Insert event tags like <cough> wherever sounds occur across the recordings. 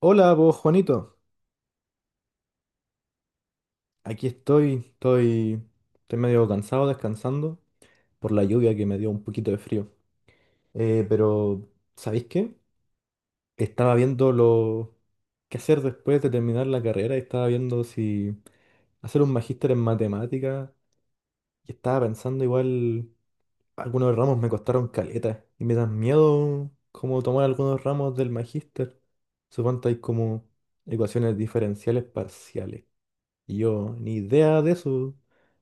Hola, vos Juanito. Aquí estoy medio cansado descansando por la lluvia que me dio un poquito de frío. Pero, ¿sabéis qué? Estaba viendo lo qué hacer después de terminar la carrera y estaba viendo si hacer un magíster en matemáticas y estaba pensando igual algunos ramos me costaron caleta y me dan miedo como tomar algunos ramos del magíster. Supongo que hay como ecuaciones diferenciales parciales. Y yo, ni idea de eso.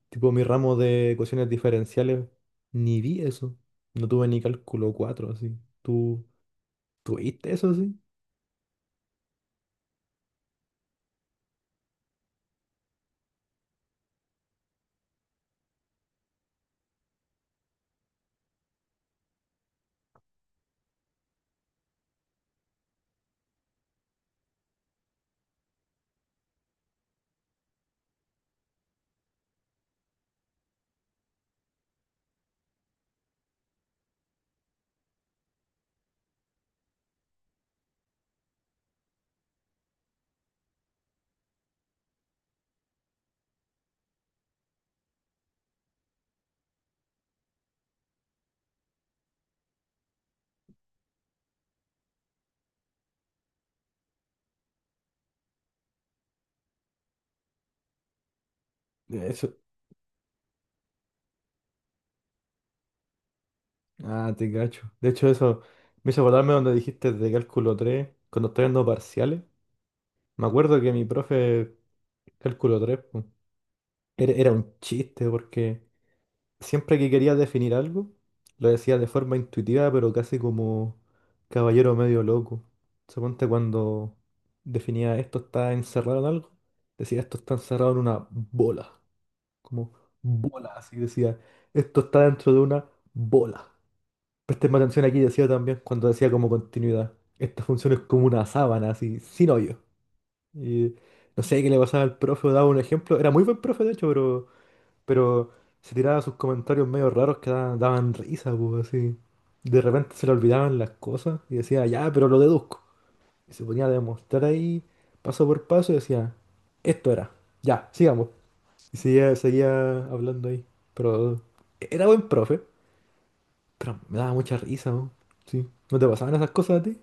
Tipo, mi ramo de ecuaciones diferenciales, ni vi eso. No tuve ni cálculo 4 así. ¿Tú tuviste eso, sí? Eso. Ah, te cacho. De hecho, eso me hizo acordarme donde dijiste de cálculo 3 cuando estoy dando parciales. Me acuerdo que mi profe, cálculo 3 pu, era un chiste porque siempre que quería definir algo, lo decía de forma intuitiva, pero casi como caballero medio loco. Suponte cuando definía esto está encerrado en algo, decía esto está encerrado en una bola. Como bola, así decía, esto está dentro de una bola. Presten más atención aquí, decía también cuando decía como continuidad. Esta función es como una sábana, así, sin hoyo. Y no sé qué le pasaba al profe, daba un ejemplo. Era muy buen profe, de hecho, pero pero se tiraba sus comentarios medio raros que daban, risa, pues así. De repente se le olvidaban las cosas y decía, ya, pero lo deduzco. Y se ponía a demostrar ahí, paso por paso, y decía, esto era, ya, sigamos. Y seguía, seguía hablando ahí. Pero era buen profe, pero me daba mucha risa, ¿no? Sí. ¿No te pasaban esas cosas a ti?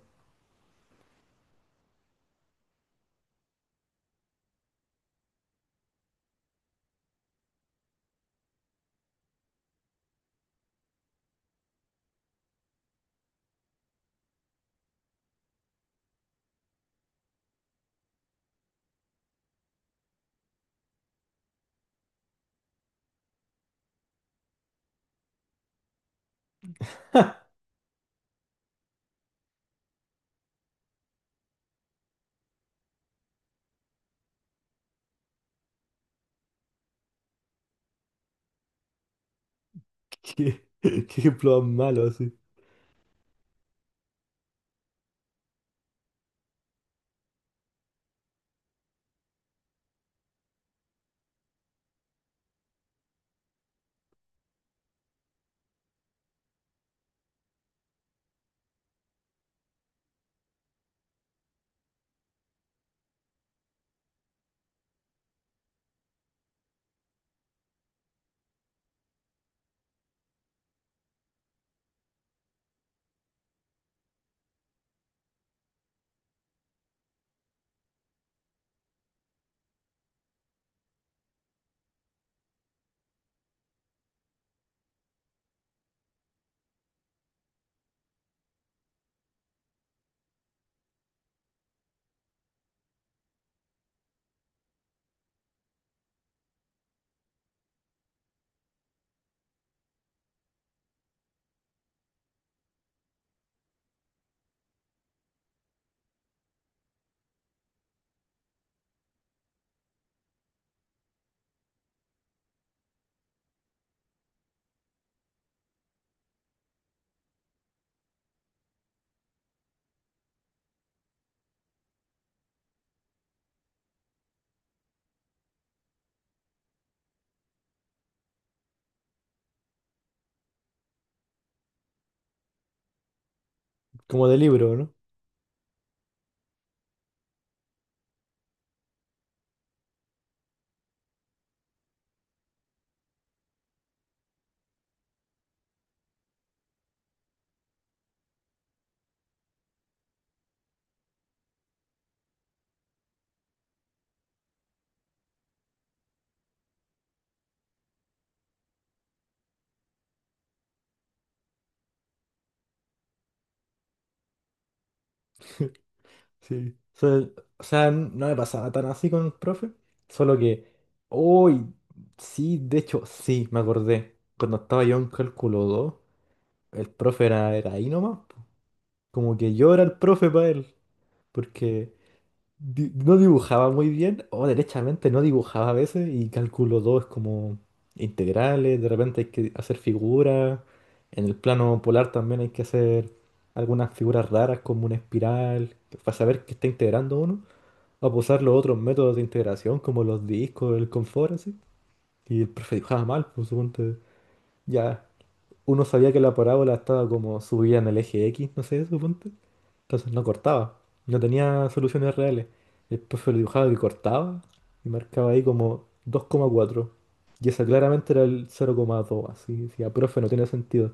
<laughs> Qué, qué ejemplo más malo, así. Como de libro, ¿no? <laughs> Sí. O sea, no me pasaba tan así con el profe, solo que, hoy, sí, de hecho, sí, me acordé. Cuando estaba yo en cálculo 2 el profe era ahí nomás, po. Como que yo era el profe para él, porque no dibujaba muy bien, o derechamente no dibujaba a veces, y cálculo 2 es como integrales, de repente hay que hacer figuras, en el plano polar también hay que hacer algunas figuras raras como una espiral, para saber qué está integrando uno a usar los otros métodos de integración, como los discos, el confort, así. Y el profe dibujaba mal, pues suponte. Ya, uno sabía que la parábola estaba como subida en el eje X, no sé, suponte. Entonces no cortaba, no tenía soluciones reales. El profe lo dibujaba que cortaba y marcaba ahí como 2,4. Y esa claramente era el 0,2, así. Decía, profe, no tiene sentido.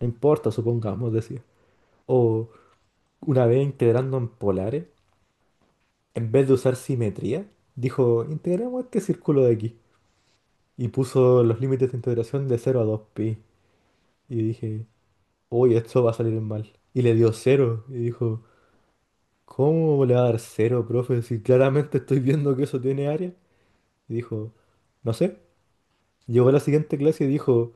No importa, supongamos, decía. O una vez integrando en polares. En vez de usar simetría, dijo, integremos este círculo de aquí. Y puso los límites de integración de 0 a 2pi. Y dije, uy, esto va a salir mal. Y le dio cero. Y dijo, ¿cómo le va a dar cero profe? Si claramente estoy viendo que eso tiene área. Y dijo, no sé. Llegó a la siguiente clase y dijo,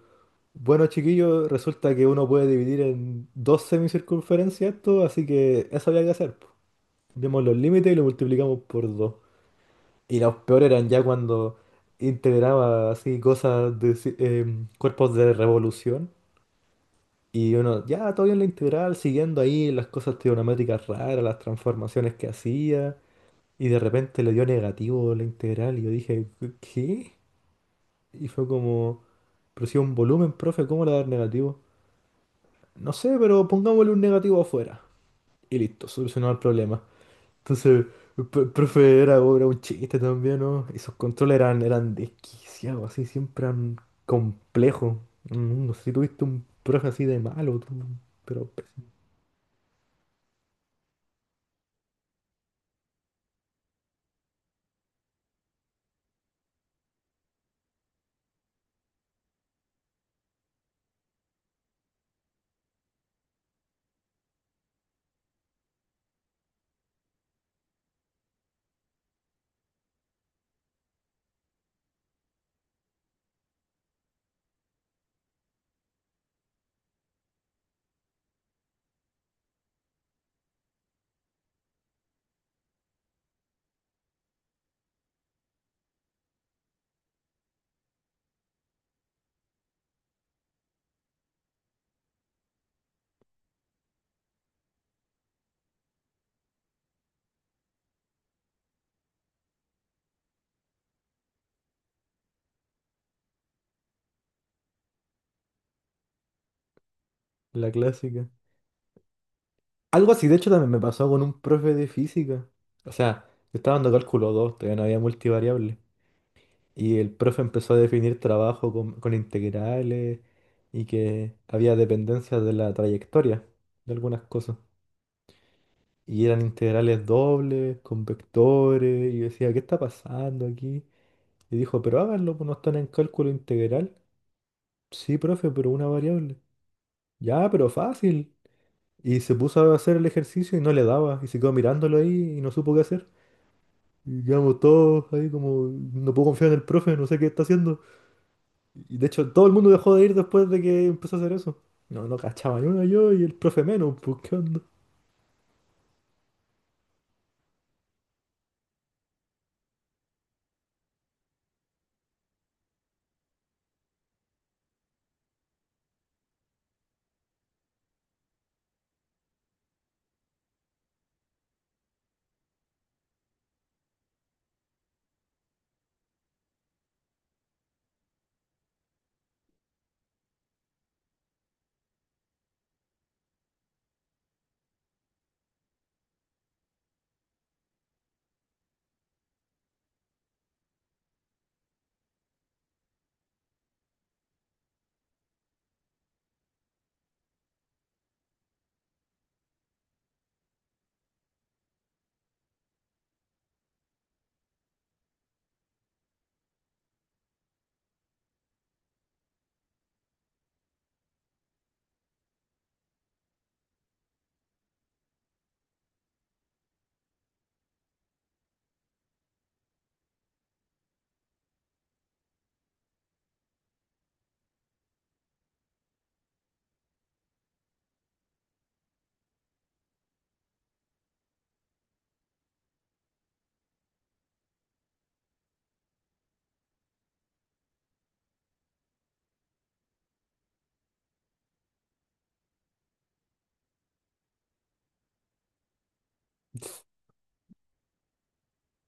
bueno, chiquillos, resulta que uno puede dividir en dos semicircunferencias esto, así que eso había que hacer, po. Vimos los límites y lo multiplicamos por dos. Y los peores eran ya cuando integraba así cosas de cuerpos de revolución. Y uno, ya, todo bien la integral, siguiendo ahí las cosas trigonométricas raras, las transformaciones que hacía. Y de repente le dio negativo la integral. Y yo dije, ¿qué? Y fue como, pero si es un volumen, profe, ¿cómo le va a dar negativo? No sé, pero pongámosle un negativo afuera. Y listo, solucionado el problema. Entonces, el profe era un chiste también, ¿no? Y sus controles eran desquiciados, así, siempre eran complejos. No sé si tuviste un profe así de malo, tú, pero pésimo. La clásica. Algo así, de hecho, también me pasó con un profe de física. O sea, yo estaba dando cálculo 2 todavía no había multivariable. Y el profe empezó a definir trabajo con, integrales y que había dependencias de la trayectoria de algunas cosas. Y eran integrales dobles, con vectores. Y yo decía, ¿qué está pasando aquí? Y dijo, pero háganlo, pues no están en cálculo integral. Sí, profe, pero una variable. Ya, pero fácil. Y se puso a hacer el ejercicio y no le daba. Y se quedó mirándolo ahí y no supo qué hacer. Y quedamos todos ahí como, no puedo confiar en el profe, no sé qué está haciendo. Y de hecho, todo el mundo dejó de ir después de que empezó a hacer eso. No, no cachaba ni una yo y el profe menos, pues qué onda.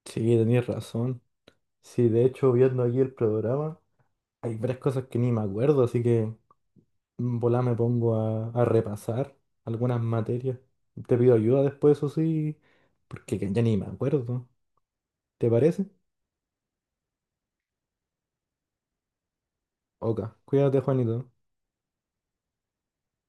Sí, tenías razón. Sí, de hecho, viendo aquí el programa. Hay varias cosas que ni me acuerdo, así que en volá me pongo a, repasar algunas materias. Te pido ayuda después, eso sí, porque que ya ni me acuerdo. ¿Te parece? Ok, cuídate, Juanito.